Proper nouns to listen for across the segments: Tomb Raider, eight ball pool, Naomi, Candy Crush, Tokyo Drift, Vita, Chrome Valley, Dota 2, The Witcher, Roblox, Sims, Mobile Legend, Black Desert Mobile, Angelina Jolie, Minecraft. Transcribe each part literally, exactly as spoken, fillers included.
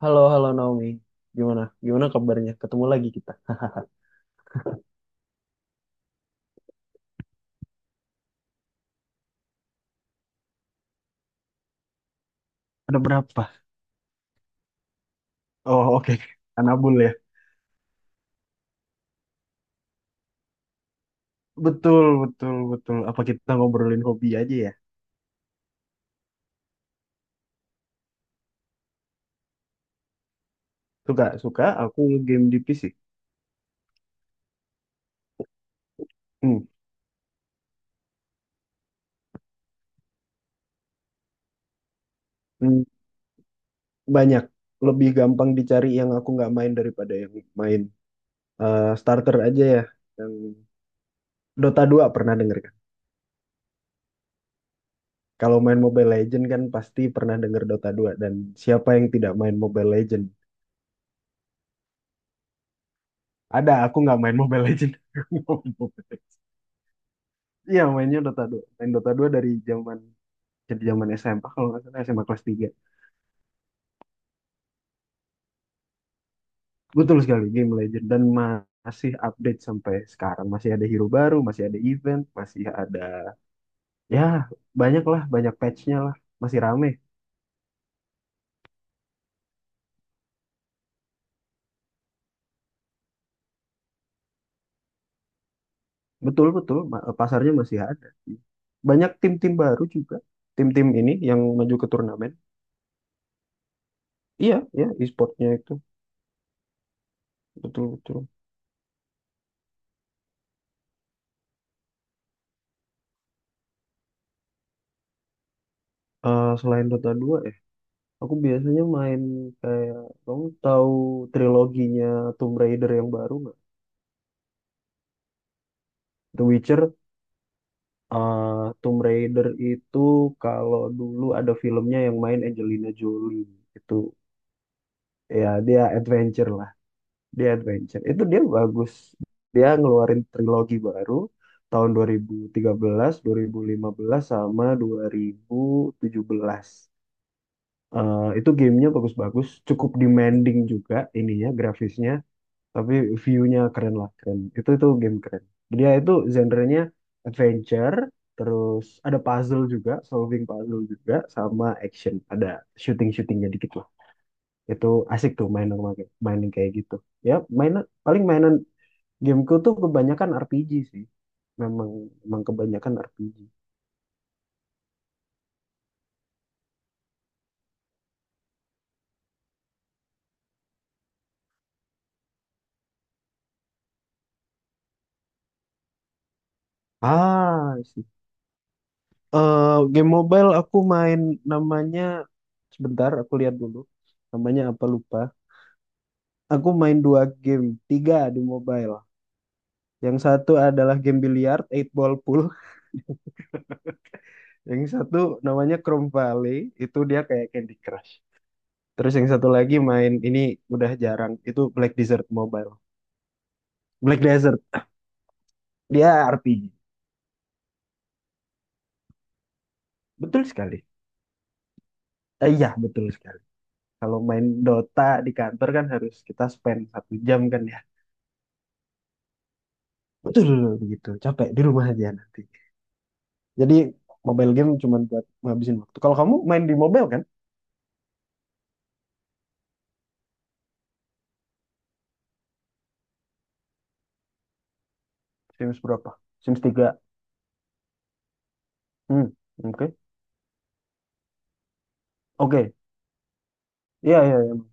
Halo, halo Naomi. Gimana? Gimana kabarnya? Ketemu lagi kita. Ada berapa? Oh, oke. Anabul ya. Betul, betul, betul. Apa kita ngobrolin hobi aja ya? Suka, suka. Aku game di P C. Hmm. Hmm. Banyak. Lebih gampang dicari yang aku nggak main daripada yang main, eh, starter aja ya. Yang Dota dua pernah denger kan? Kalau main Mobile Legend kan pasti pernah denger Dota dua. Dan siapa yang tidak main Mobile Legend? Ada, aku nggak main Mobile Legend. Aku nggak main Mobile Legend. Iya, mainnya Dota dua. Main Dota dua dari zaman, jadi zaman S M A kalau nggak salah, S M A kelas tiga. Betul sekali, game legend dan ma- masih update sampai sekarang. Masih ada hero baru, masih ada event, masih ada, ya, banyak lah, banyak patchnya lah. Masih rame. Betul, betul, ma- eh, pasarnya masih ada. Banyak tim-tim baru juga. Tim-tim ini yang maju ke turnamen. Iya, iya, e-sportnya itu betul, betul. Eh, selain Dota dua, aku biasanya main, kayak, kamu tahu triloginya Tomb Raider yang baru nggak? The Witcher, eh Tomb Raider itu, kalau dulu ada filmnya yang main Angelina Jolie itu, ya dia adventure lah, dia adventure. Itu dia bagus. Dia ngeluarin trilogi baru tahun dua dua ribu ribu tiga belas, dua ribu lima belas, sama dua ribu tujuh belas. Eh itu gamenya bagus-bagus, cukup demanding juga ininya grafisnya, tapi view-nya keren lah, keren, itu itu game keren. Dia itu genre-nya adventure, terus ada puzzle juga, solving puzzle juga, sama action, ada shooting shootingnya dikit lah. Itu asik tuh main sama kayak- main kayak gitu, ya mainan, paling mainan gameku tuh kebanyakan R P G sih, memang memang kebanyakan R P G. Ah, sih. Eh game mobile aku main, namanya, sebentar aku lihat dulu, namanya apa lupa. Aku main dua game, tiga di mobile. Yang satu adalah game biliar, eight ball pool. Yang satu namanya Chrome Valley, itu dia kayak Candy Crush. Terus yang satu lagi main ini udah jarang, itu Black Desert Mobile. Black Desert, dia R P G. Betul sekali. Eh, iya, betul sekali. Kalau main Dota di kantor kan harus kita spend satu jam kan, ya. Betul, begitu. Capek di rumah aja nanti. Jadi mobile game cuma buat ngabisin waktu. Kalau kamu main di mobile kan? Sims berapa? Sims tiga. Hmm, oke. Oke. Iya, iya, iya.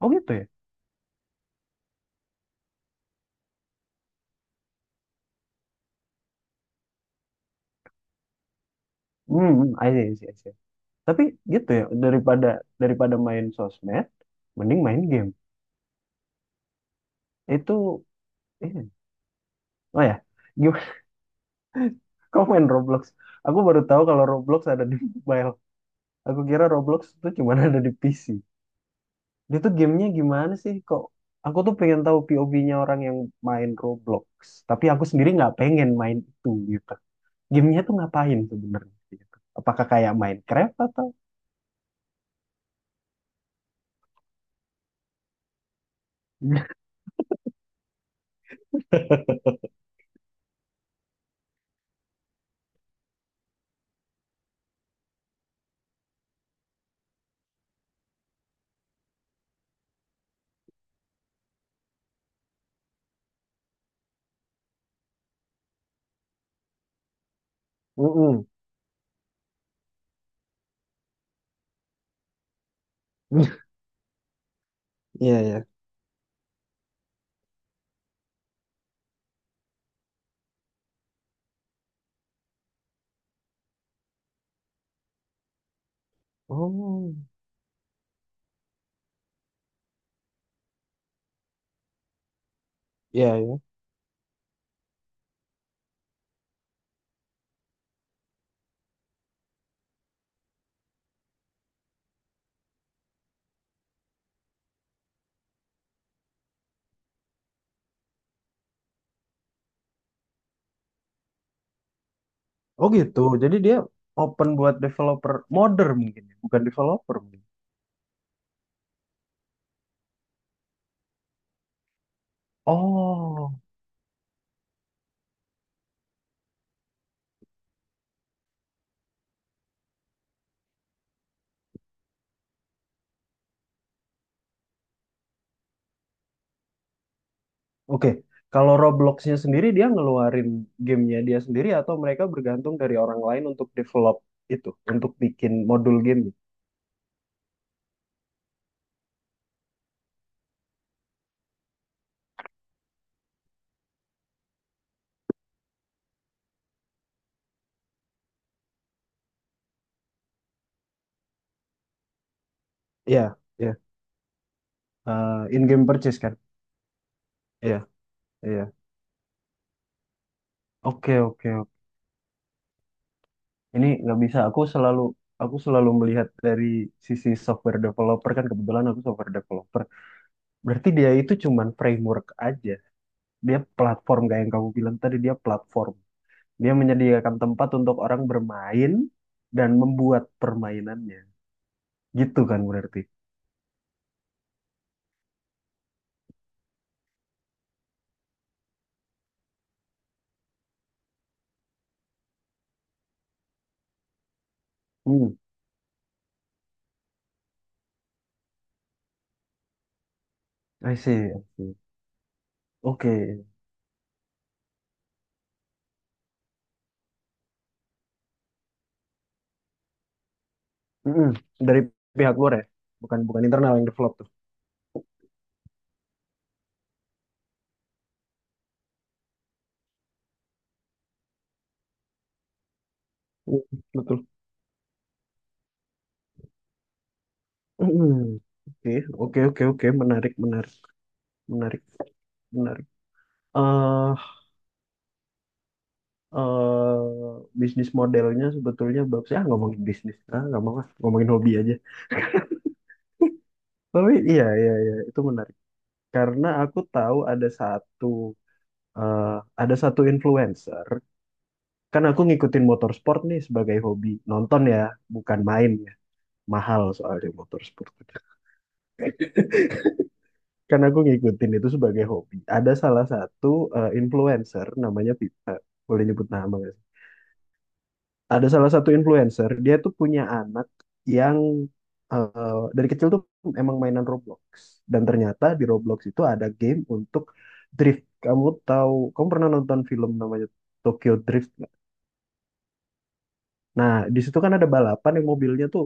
Oh gitu ya. Hmm, hmm, I see, I see, I see. Tapi gitu ya, daripada daripada main sosmed, mending main game. Itu, ini. Oh ya, gimana? Kau main Roblox? Aku baru tahu kalau Roblox ada di mobile. Aku kira Roblox itu cuma ada di P C. Dia tuh gamenya gimana sih? Kok aku tuh pengen tahu P O V-nya orang yang main Roblox. Tapi aku sendiri nggak pengen main itu gitu. Gamenya tuh ngapain sebenarnya, gitu? Apakah kayak Minecraft atau? Mm-mm. Iya, iya. Oh. Iya, iya. Oh gitu. Jadi dia open buat developer modder mungkin, ya? Bukan developer mungkin. Oh, oke. Kalau Robloxnya sendiri dia ngeluarin gamenya dia sendiri, atau mereka bergantung dari orang lain untuk develop itu, untuk bikin modul game. Iya, iya. Eh, in-game purchase kan? Iya, iya. Oke, oke, oke. Ini nggak bisa. Aku selalu aku selalu melihat dari sisi software developer, kan kebetulan aku software developer. Berarti dia itu cuman framework aja. Dia platform, kayak yang kamu bilang tadi, dia platform, dia menyediakan tempat untuk orang bermain dan membuat permainannya, gitu kan berarti. Hmm, I see, I see. Oke. Mm-mm. Dari pihak luar, ya, bukan bukan internal yang develop tuh. Mm, betul. Mm-mm. Oke, oke, oke, oke, menarik, menarik, menarik, menarik. Eh eh, bisnis modelnya sebetulnya, Babs ya ngomongin bisnis, ah nggak mau, ah ngomongin hobi aja. Tapi iya, iya, iya, itu menarik. Karena aku tahu ada satu, eh, ada satu influencer. Kan aku ngikutin motorsport nih sebagai hobi. Nonton ya, bukan main ya. Mahal soalnya motorsport. Kan aku ngikutin itu sebagai hobi. Ada salah satu, eh, influencer namanya Vita. Boleh nyebut nama nggak? Ada salah satu influencer, dia tuh punya anak yang, eh, dari kecil tuh emang mainan Roblox. Dan ternyata di Roblox itu ada game untuk drift. Kamu tahu, kamu pernah nonton film namanya Tokyo Drift nggak? Nah di situ kan ada balapan yang mobilnya tuh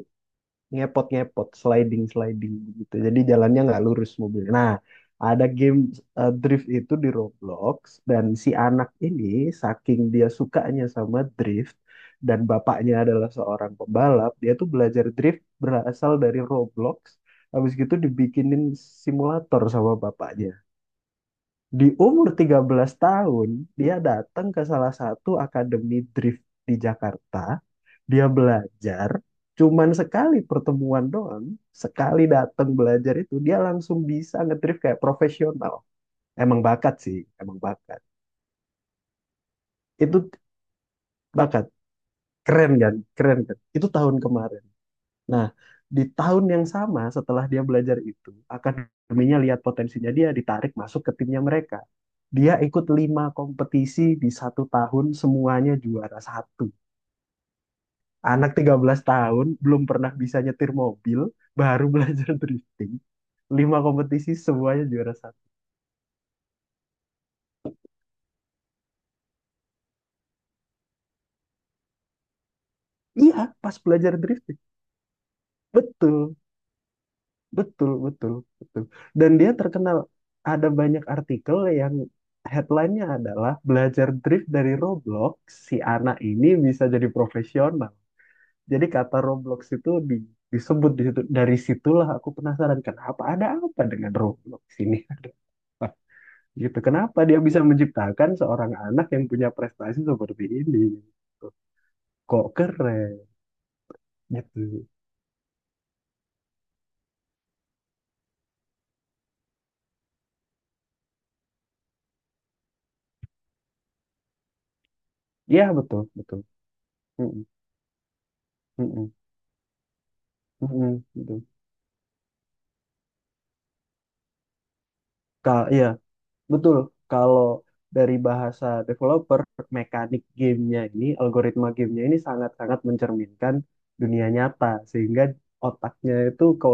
ngepot ngepot, sliding sliding gitu, jadi jalannya nggak lurus mobilnya, nah ada game, eh, drift itu di Roblox. Dan si anak ini, saking dia sukanya sama drift, dan bapaknya adalah seorang pembalap, dia tuh belajar drift berasal dari Roblox. Habis gitu dibikinin simulator sama bapaknya, di umur tiga belas tahun dia datang ke salah satu akademi drift di Jakarta. Dia belajar cuman sekali pertemuan doang, sekali datang belajar itu dia langsung bisa ngedrift kayak profesional. Emang bakat sih, emang bakat. Itu bakat, keren kan, keren kan. Itu tahun kemarin. Nah, di tahun yang sama setelah dia belajar itu, akademinya lihat potensinya, dia ditarik masuk ke timnya mereka. Dia ikut lima kompetisi di satu tahun, semuanya juara satu. Anak tiga belas tahun belum pernah bisa nyetir mobil, baru belajar drifting. Lima kompetisi semuanya juara satu. Iya, pas belajar drifting. Betul, betul, betul, betul. Dan dia terkenal, ada banyak artikel yang headline-nya adalah belajar drift dari Roblox, si anak ini bisa jadi profesional. Jadi kata Roblox itu di- disebut di situ. Dari situlah aku penasaran, kenapa ada apa dengan Roblox ini. Ada apa? Gitu. Kenapa dia bisa menciptakan seorang anak yang punya prestasi seperti ini? Gitu. Kok keren gitu. Iya, betul, betul. Mm-mm, mm-mm, mm-mm, betul. Ka- iya, betul. Kalau dari bahasa developer, mekanik gamenya ini, algoritma gamenya ini sangat-sangat mencerminkan dunia nyata, sehingga otaknya itu ke,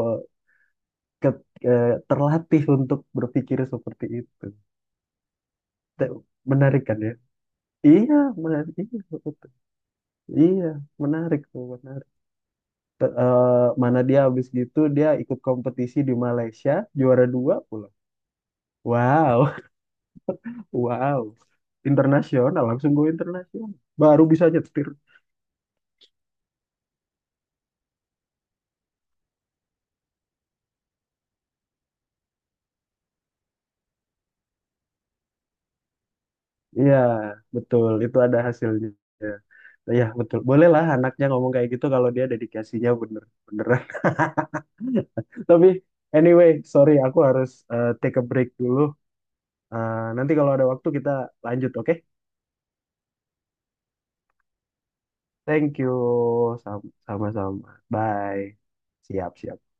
ke- eh, terlatih untuk berpikir seperti itu. Te- Menarik kan ya? Iya, menarik. Iya, betul. Iya, menarik tuh, menarik. Te- eh, mana dia habis gitu dia ikut kompetisi di Malaysia, juara dua pula. Wow. Wow, internasional langsung go internasional. Baru bisa nyetir. Iya, betul. Itu ada hasilnya. Ya, betul. Bolehlah anaknya ngomong kayak gitu kalau dia dedikasinya bener beneran. Tapi anyway, sorry aku harus, eh, take a break dulu. Eh, nanti kalau ada waktu kita lanjut, oke? Thank you. Sam- Sama-sama. Bye. Siap, siap.